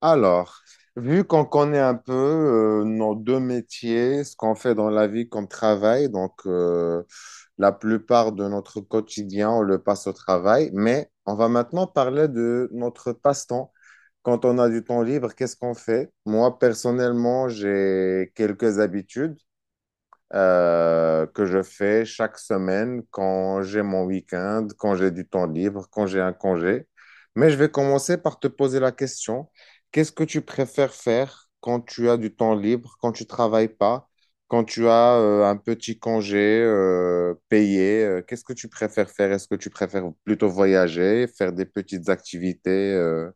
Alors, vu qu'on connaît un peu nos deux métiers, ce qu'on fait dans la vie comme travail, la plupart de notre quotidien, on le passe au travail, mais on va maintenant parler de notre passe-temps. Quand on a du temps libre, qu'est-ce qu'on fait? Moi, personnellement, j'ai quelques habitudes que je fais chaque semaine quand j'ai mon week-end, quand j'ai du temps libre, quand j'ai un congé. Mais je vais commencer par te poser la question, qu'est-ce que tu préfères faire quand tu as du temps libre, quand tu travailles pas, quand tu as un petit congé payé? Qu'est-ce que tu préfères faire? Est-ce que tu préfères plutôt voyager, faire des petites activités?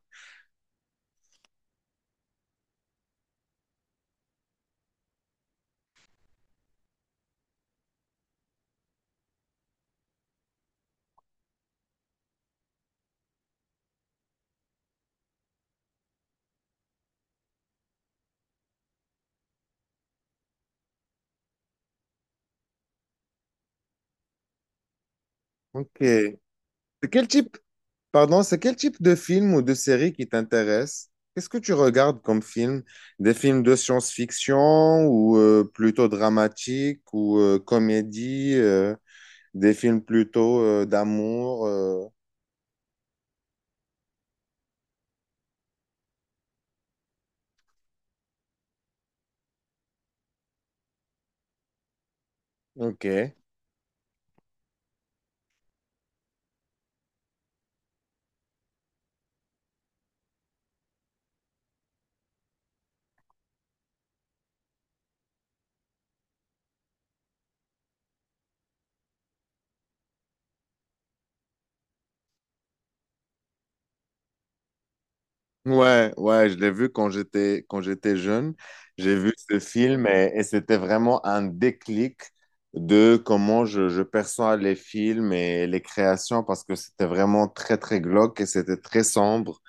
Ok. De quel type, Pardon, c'est quel type de film ou de série qui t'intéresse? Qu'est-ce que tu regardes comme film? Des films de science-fiction ou plutôt dramatiques ou comédie, des films plutôt d'amour. Ok. Ouais, ouais, je l'ai vu quand j'étais jeune. J'ai vu ce film et c'était vraiment un déclic de comment je perçois les films et les créations parce que c'était vraiment très glauque et c'était très sombre.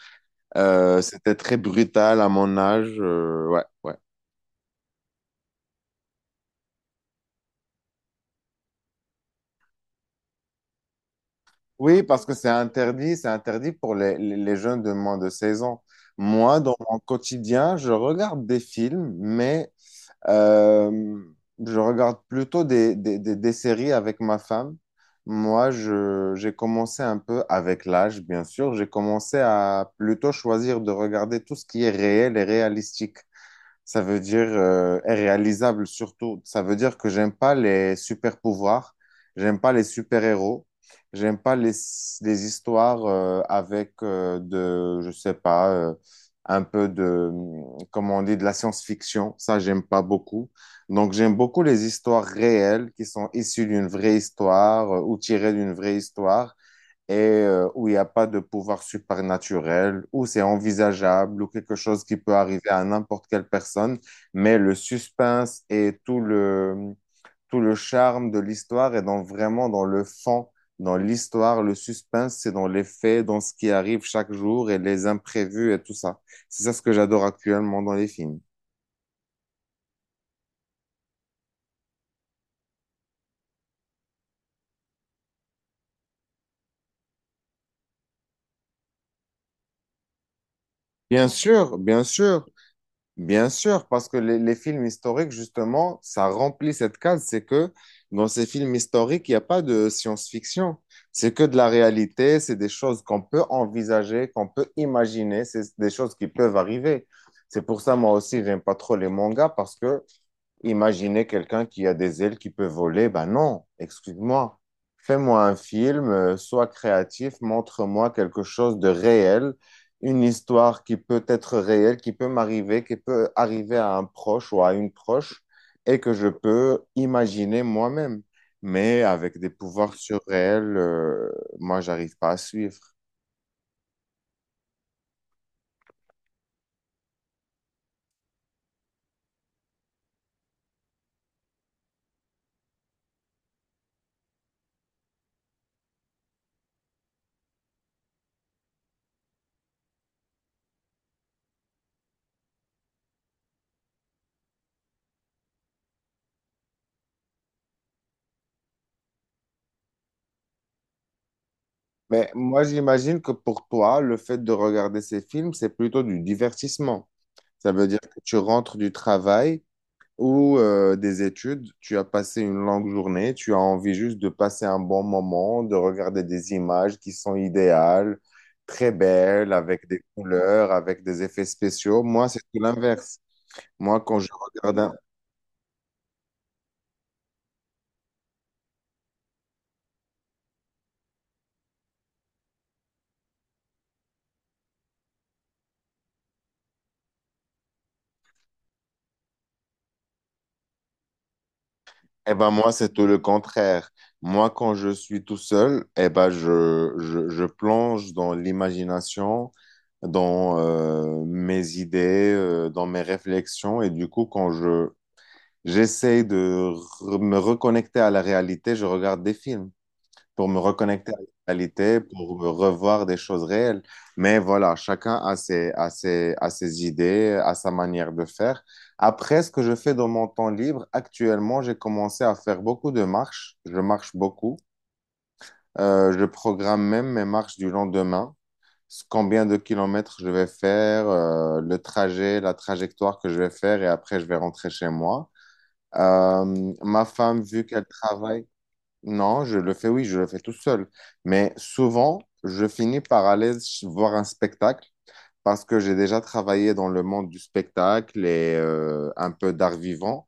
C'était très brutal à mon âge. Ouais, ouais. Oui, parce que c'est interdit pour les jeunes de moins de 16 ans. Moi, dans mon quotidien, je regarde des films, mais euh, je regarde plutôt des séries avec ma femme. Moi, j'ai commencé un peu avec l'âge, bien sûr. J'ai commencé à plutôt choisir de regarder tout ce qui est réel et réalistique. Ça veut dire et réalisable surtout. Ça veut dire que j'aime pas les super pouvoirs, j'aime pas les super héros, j'aime pas les, les histoires avec je sais pas, un peu comment on dit, de la science-fiction. Ça, j'aime pas beaucoup. Donc, j'aime beaucoup les histoires réelles qui sont issues d'une vraie histoire ou tirées d'une vraie histoire et où il n'y a pas de pouvoir surnaturel, où c'est envisageable, ou quelque chose qui peut arriver à n'importe quelle personne, mais le suspense et tout le charme de l'histoire est dans, vraiment dans le fond, dans l'histoire, le suspense, c'est dans les faits, dans ce qui arrive chaque jour et les imprévus et tout ça. C'est ça ce que j'adore actuellement dans les films. Bien sûr, bien sûr. Bien sûr, parce que les films historiques, justement, ça remplit cette case. C'est que dans ces films historiques, il n'y a pas de science-fiction. C'est que de la réalité, c'est des choses qu'on peut envisager, qu'on peut imaginer, c'est des choses qui peuvent arriver. C'est pour ça, moi aussi, j'aime pas trop les mangas parce que imaginez quelqu'un qui a des ailes qui peut voler. Ben non, excuse-moi. Fais-moi un film, sois créatif, montre-moi quelque chose de réel, une histoire qui peut être réelle, qui peut m'arriver, qui peut arriver à un proche ou à une proche et que je peux imaginer moi-même. Mais avec des pouvoirs surréels, moi, j'arrive pas à suivre. Mais moi, j'imagine que pour toi, le fait de regarder ces films, c'est plutôt du divertissement. Ça veut dire que tu rentres du travail ou des études, tu as passé une longue journée, tu as envie juste de passer un bon moment, de regarder des images qui sont idéales, très belles, avec des couleurs, avec des effets spéciaux. Moi, c'est tout l'inverse. Moi, quand je regarde un... Eh ben moi, c'est tout le contraire. Moi, quand je suis tout seul, eh ben je plonge dans l'imagination, dans mes idées, dans mes réflexions. Et du coup, j'essaie de me reconnecter à la réalité. Je regarde des films pour me reconnecter à la réalité, pour me revoir des choses réelles. Mais voilà, chacun a a ses idées, a sa manière de faire. Après, ce que je fais dans mon temps libre, actuellement, j'ai commencé à faire beaucoup de marches. Je marche beaucoup. Je programme même mes marches du lendemain. Combien de kilomètres je vais faire, le trajet, la trajectoire que je vais faire et après je vais rentrer chez moi. Ma femme, vu qu'elle travaille, non, je le fais, oui, je le fais tout seul. Mais souvent, je finis par voir un spectacle parce que j'ai déjà travaillé dans le monde du spectacle et un peu d'art vivant.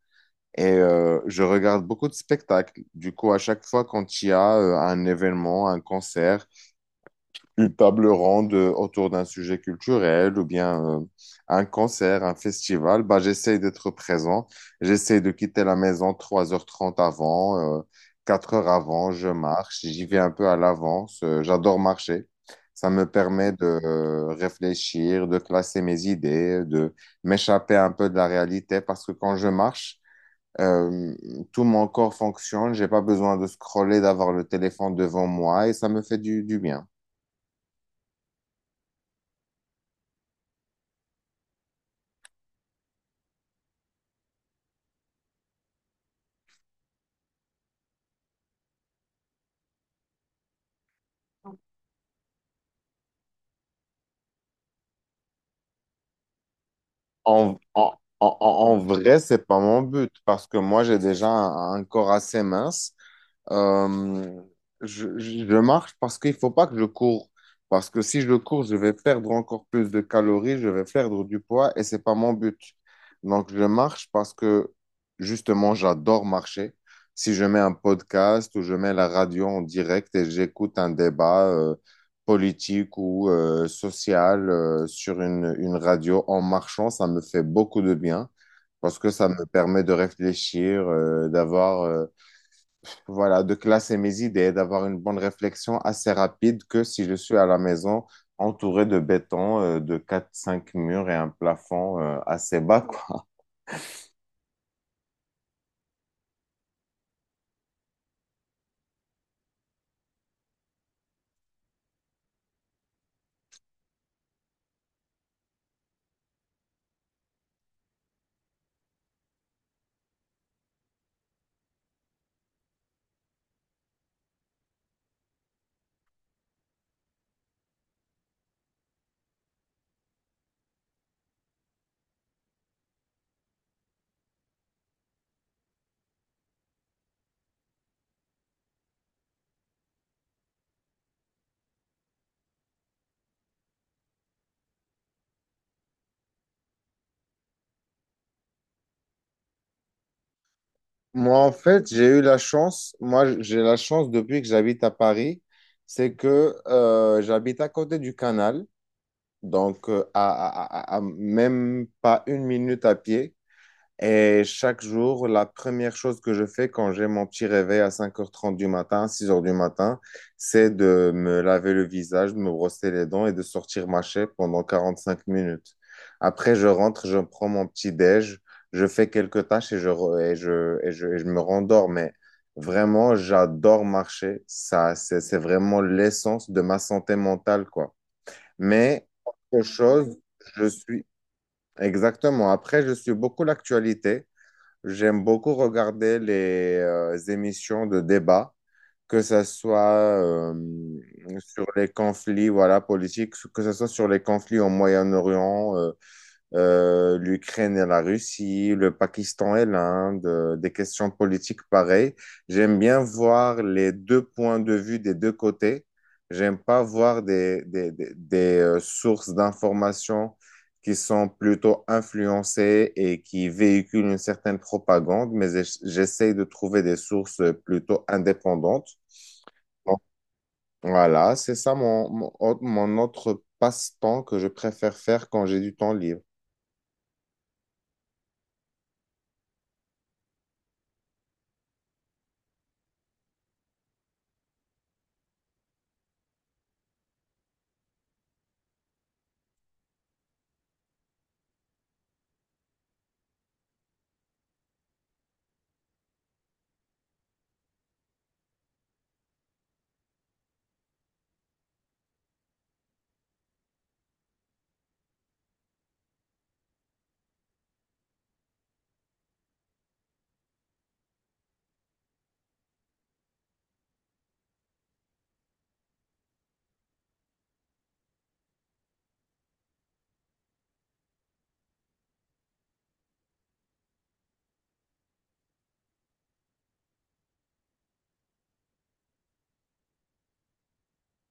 Et je regarde beaucoup de spectacles. Du coup, à chaque fois quand il y a un événement, un concert, une table ronde autour d'un sujet culturel ou bien un concert, un festival, bah, j'essaie d'être présent. J'essaie de quitter la maison 3 h 30 avant, 4 h avant, je marche, j'y vais un peu à l'avance. J'adore marcher. Ça me permet de réfléchir, de classer mes idées, de m'échapper un peu de la réalité parce que quand je marche, euh, tout mon corps fonctionne, j'ai pas besoin de scroller, d'avoir le téléphone devant moi et ça me fait du bien. En, en, En vrai, c'est pas mon but parce que moi, j'ai déjà un corps assez mince euh, je marche parce qu'il faut pas que je cours. Parce que si je cours, je vais perdre encore plus de calories, je vais perdre du poids et c'est pas mon but. Donc, je marche parce que justement, j'adore marcher. Si je mets un podcast ou je mets la radio en direct et j'écoute un débat politique ou social sur une radio en marchant, ça me fait beaucoup de bien parce que ça me permet de réfléchir, d'avoir. Voilà, de classer mes idées, d'avoir une bonne réflexion assez rapide que si je suis à la maison entouré de béton, de quatre cinq murs et un plafond assez bas, quoi. Moi, en fait, j'ai eu la chance, moi, j'ai la chance depuis que j'habite à Paris, c'est que j'habite à côté du canal, donc euh, à, à même pas une minute à pied. Et chaque jour, la première chose que je fais quand j'ai mon petit réveil à 5 h 30 du matin, 6 h du matin, c'est de me laver le visage, de me brosser les dents et de sortir ma chaîne pendant 5 minutes. Après, je rentre, je prends mon petit déj, je fais quelques tâches et je, re- et je, et je, et je me rendors. Mais vraiment, j'adore marcher. Ça, c'est vraiment l'essence de ma santé mentale, quoi. Mais autre chose, je suis... Exactement. Après, je suis beaucoup l'actualité. J'aime beaucoup regarder les émissions de débat, que ce soit euh, sur les conflits voilà, politiques, que ce soit sur les conflits au Moyen-Orient, l'Ukraine et la Russie, le Pakistan et l'Inde, des questions politiques pareilles. J'aime bien voir les deux points de vue des deux côtés. J'aime pas voir des sources d'informations qui sont plutôt influencées et qui véhiculent une certaine propagande, mais j'essaye de trouver des sources plutôt indépendantes. Bon, Voilà, c'est ça mon autre passe-temps que je préfère faire quand j'ai du temps libre.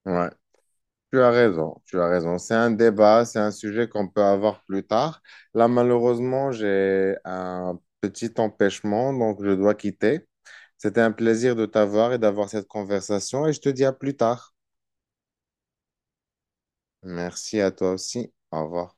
Ouais. Tu as raison, tu as raison. C'est un débat, c'est un sujet qu'on peut avoir plus tard. Là, malheureusement, j'ai un petit empêchement, donc je dois quitter. C'était un plaisir de t'avoir et d'avoir cette conversation et je te dis à plus tard. Merci à toi aussi. Au revoir.